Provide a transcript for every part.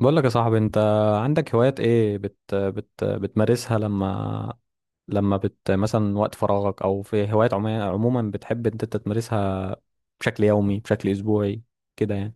بقول لك يا صاحبي، انت عندك هوايات ايه بت بت بتمارسها لما مثلا وقت فراغك، او في هوايات عموما بتحب انت تمارسها بشكل يومي بشكل اسبوعي كده يعني؟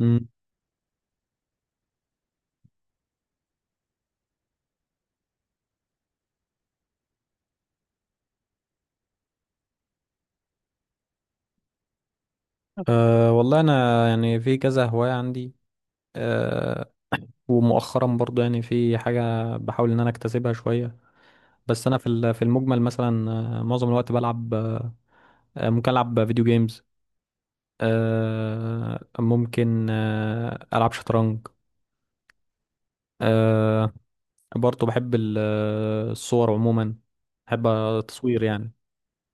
امم أه، والله انا يعني في كذا هواية عندي. أه، ومؤخرا برضو يعني في حاجة بحاول ان انا اكتسبها شوية. بس انا في في المجمل، مثلا معظم الوقت بلعب، ممكن العب فيديو جيمز، أه ممكن العب شطرنج. أه، برضه بحب الصور عموما، بحب التصوير يعني.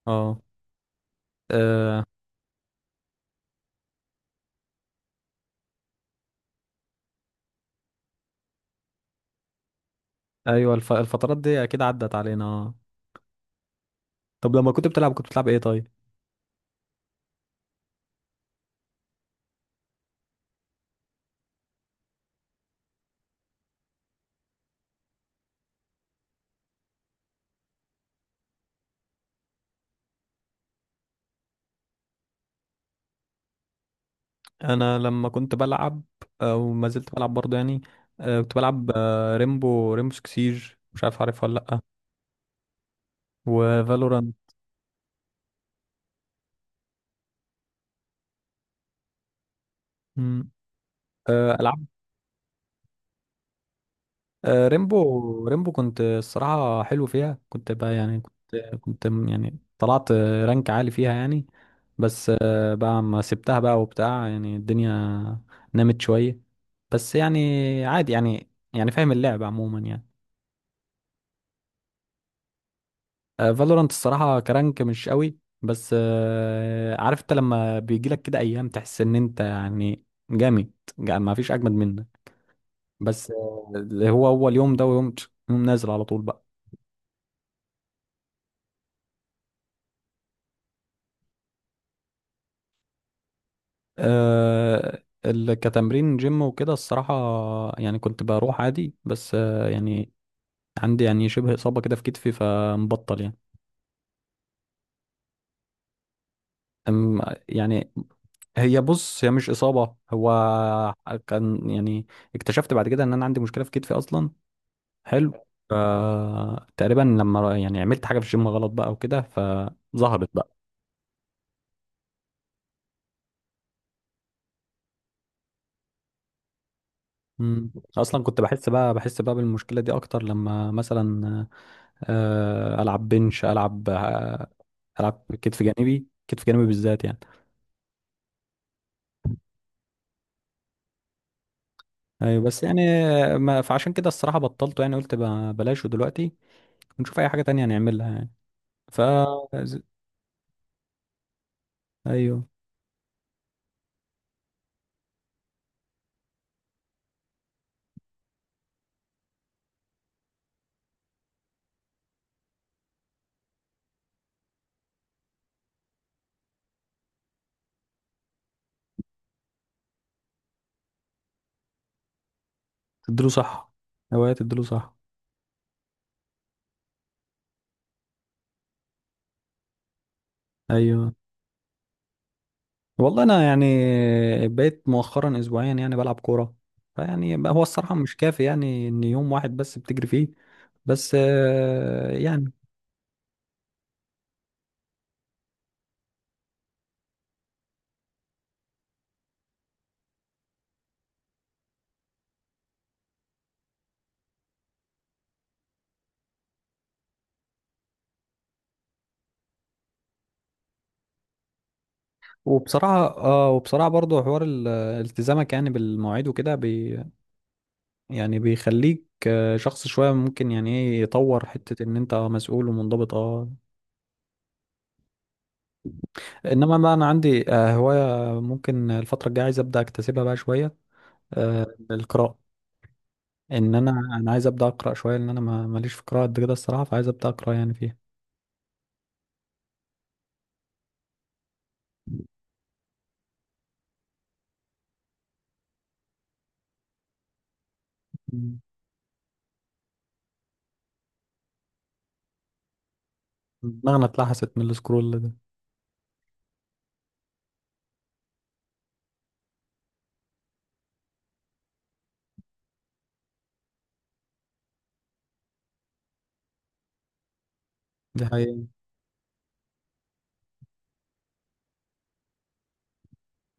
اه آه، ايوه، الفترات دي اكيد عدت علينا. طب لما كنت بتلعب، كنت بتلعب ايه طيب؟ انا لما كنت بلعب او ما زلت بلعب برضه يعني، كنت بلعب، ريمبو سكسيج. مش عارف، عارف ولا لا؟ وفالورانت، العاب. ريمبو كنت الصراحة حلو فيها، كنت بقى يعني يعني طلعت رانك عالي فيها يعني. بس بقى ما سبتها بقى وبتاع يعني، الدنيا نامت شوية، بس يعني عادي يعني فاهم اللعب عموما يعني. فالورانت الصراحة كرانك مش قوي، بس عارف انت لما بيجيلك كده ايام تحس ان انت يعني جامد، ما فيش اجمد منك. بس هو هو اليوم ده ويوم، يوم نازل على طول بقى. كتمرين جيم وكده الصراحة، يعني كنت بروح عادي، بس يعني عندي يعني شبه إصابة كده في كتفي، فمبطل يعني. يعني هي، بص، هي مش إصابة. هو كان يعني اكتشفت بعد كده إن أنا عندي مشكلة في كتفي أصلا. حلو. ف- تقريبا لما يعني عملت حاجة في الجيم غلط بقى وكده، فظهرت بقى. مم. أصلا كنت بحس بقى بالمشكلة دي أكتر لما مثلا العب بنش، العب العب كتف جانبي، كتف جانبي بالذات يعني. ايوه، بس يعني ما فعشان كده الصراحه بطلته يعني، قلت بلاش دلوقتي، ونشوف اي حاجه تانية نعملها يعني. ف ز- ايوه، تديله صح، هوايه تديله صح. ايوه والله انا يعني بقيت مؤخرا اسبوعيا يعني بلعب كوره. فيعني بقى هو الصراحه مش كافي يعني ان يوم واحد بس بتجري فيه، بس يعني. وبصراحة اه، برضه حوار التزامك يعني بالمواعيد وكده يعني بيخليك شخص شوية ممكن يعني ايه يطور حتة ان انت مسؤول ومنضبط، اه. انما بقى انا عندي هواية ممكن الفترة الجاية عايز ابدأ اكتسبها بقى شوية، القراءة. ان انا عايز ابدأ اقرأ شوية، لان انا ماليش في القراءة قد كده الصراحة، فعايز ابدأ اقرأ يعني فيها. مم. دماغنا اتلحست من السكرول ده. دي حقيقة.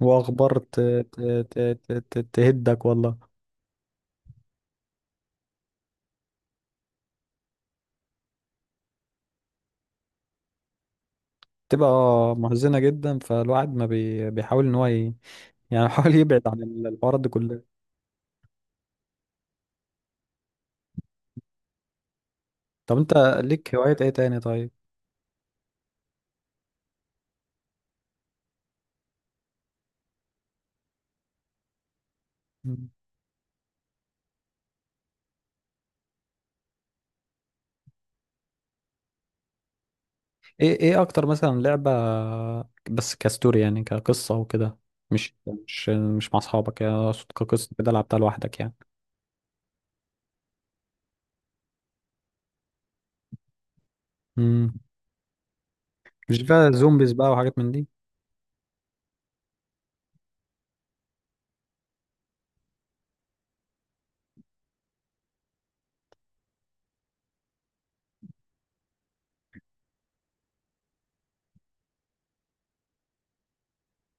واخبار تهدك والله. تبقى محزنة جدا، فالواحد ما بي... بيحاول ان هو يعني بيحاول يبعد عن الحوارات دي كلها. طب انت ليك هوايات ايه تاني طيب؟ مم. ايه اكتر مثلا لعبة، بس كستوري يعني كقصة وكده، مش مع اصحابك يعني، اقصد كقصة كده لعبتها لوحدك يعني. مم. مش بقى زومبيز بقى وحاجات من دي؟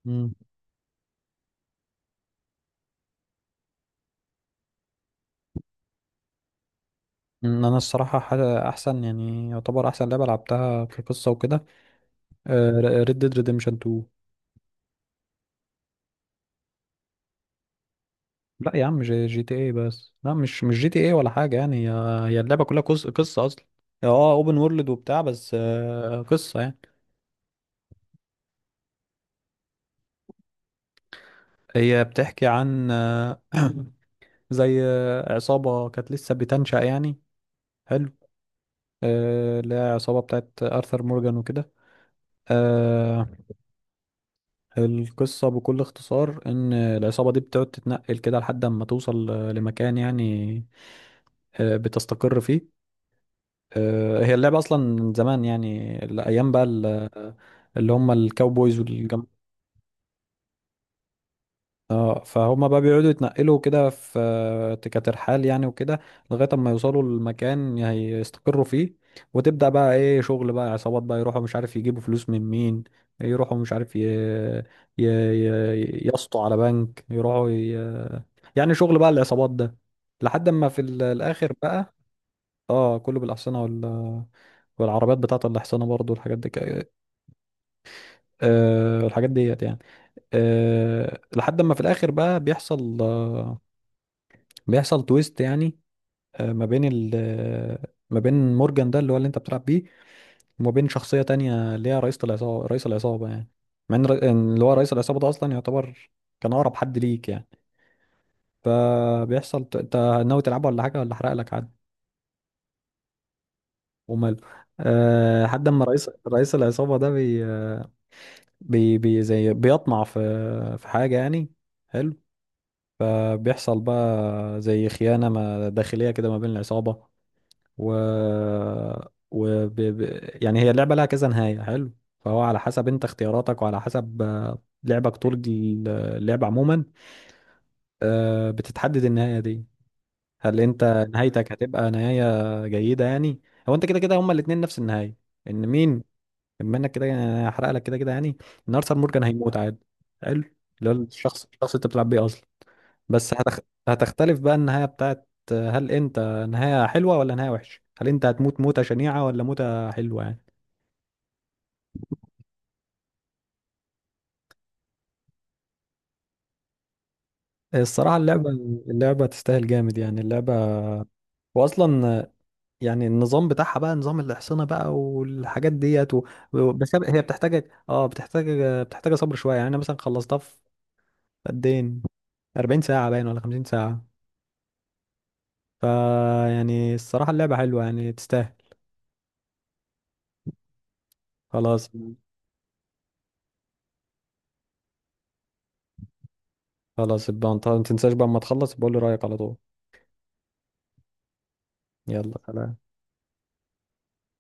مم. انا الصراحة احسن يعني يعتبر احسن لعبة لعبتها كقصة وكده، ريد ديد ريديمشن 2. لا يا عم، جي تي ايه بس. لا، مش جي تي ايه ولا حاجة، يعني هي اللعبة كلها قصة، قصة أصلا. هي، اه، اوبن وورلد وبتاع، بس قصة يعني. هي بتحكي عن زي عصابة كانت لسه بتنشأ يعني. حلو. اللي هي عصابة بتاعت آرثر مورجان وكده. آه، القصة بكل اختصار إن العصابة دي بتقعد تتنقل كده لحد ما توصل لمكان يعني، بتستقر فيه. هي اللعبة أصلا من زمان يعني، الأيام بقى اللي هم الكاوبويز اه، فهم بقى بيقعدوا يتنقلوا كده في كترحال يعني وكده، لغاية اما يوصلوا للمكان هيستقروا فيه. وتبدأ بقى ايه شغل بقى عصابات بقى، يروحوا مش عارف يجيبوا فلوس من مين، يروحوا مش عارف يسطوا على بنك، يروحوا يعني شغل بقى العصابات ده، لحد ما في الاخر بقى. اه، كله بالاحصنة والعربيات بتاعت الاحصنة برضو، الحاجات دي الحاجات ديت يعني. أه، لحد ما في الاخر بقى بيحصل، بيحصل تويست يعني. أه، ما بين ال آه، ما بين مورجان ده، اللي هو اللي انت بتلعب بيه، وما بين شخصية تانية، اللي هي رئيس العصابة يعني. مع ان إن اللي هو رئيس العصابة ده اصلا يعتبر كان اقرب حد ليك يعني. فبيحصل انت ناوي تلعبه ولا حاجة، ولا احرق لك عادي؟ وماله. أه، لحد ما رئيس العصابة ده بي بي, بي زي بيطمع في حاجة يعني. حلو. فبيحصل بقى زي خيانة ما داخلية كده ما بين العصابة و, يعني هي اللعبة لها كذا نهاية. حلو. فهو على حسب انت اختياراتك، وعلى حسب لعبك طول اللعب عموما، بتتحدد النهاية دي. هل انت نهايتك هتبقى نهاية جيدة يعني. هو انت كده كده هما الاتنين نفس النهاية، ان مين، بما انك كده يعني هحرق لك كده كده يعني، ان ارثر مورجان هيموت عادي. حلو، اللي هو الشخص، اللي انت بتلعب بيه اصلا. بس هتختلف بقى النهاية بتاعت هل انت نهاية حلوة ولا نهاية وحشة؟ هل انت هتموت موتة شنيعة ولا موتة حلوة يعني؟ الصراحة اللعبة، تستاهل جامد يعني. اللعبة واصلا يعني، النظام بتاعها بقى نظام الاحصنه بقى والحاجات ديت بس هي بتحتاج، بتحتاج صبر شويه يعني. انا مثلا خلصتها في قد ايه، 40 ساعه باين ولا 50 ساعه. ف يعني الصراحه اللعبه حلوه يعني تستاهل. خلاص. خلاص، يبقى انت ما تنساش بقى اما تخلص بقول لي رايك على طول. يلا، سلام.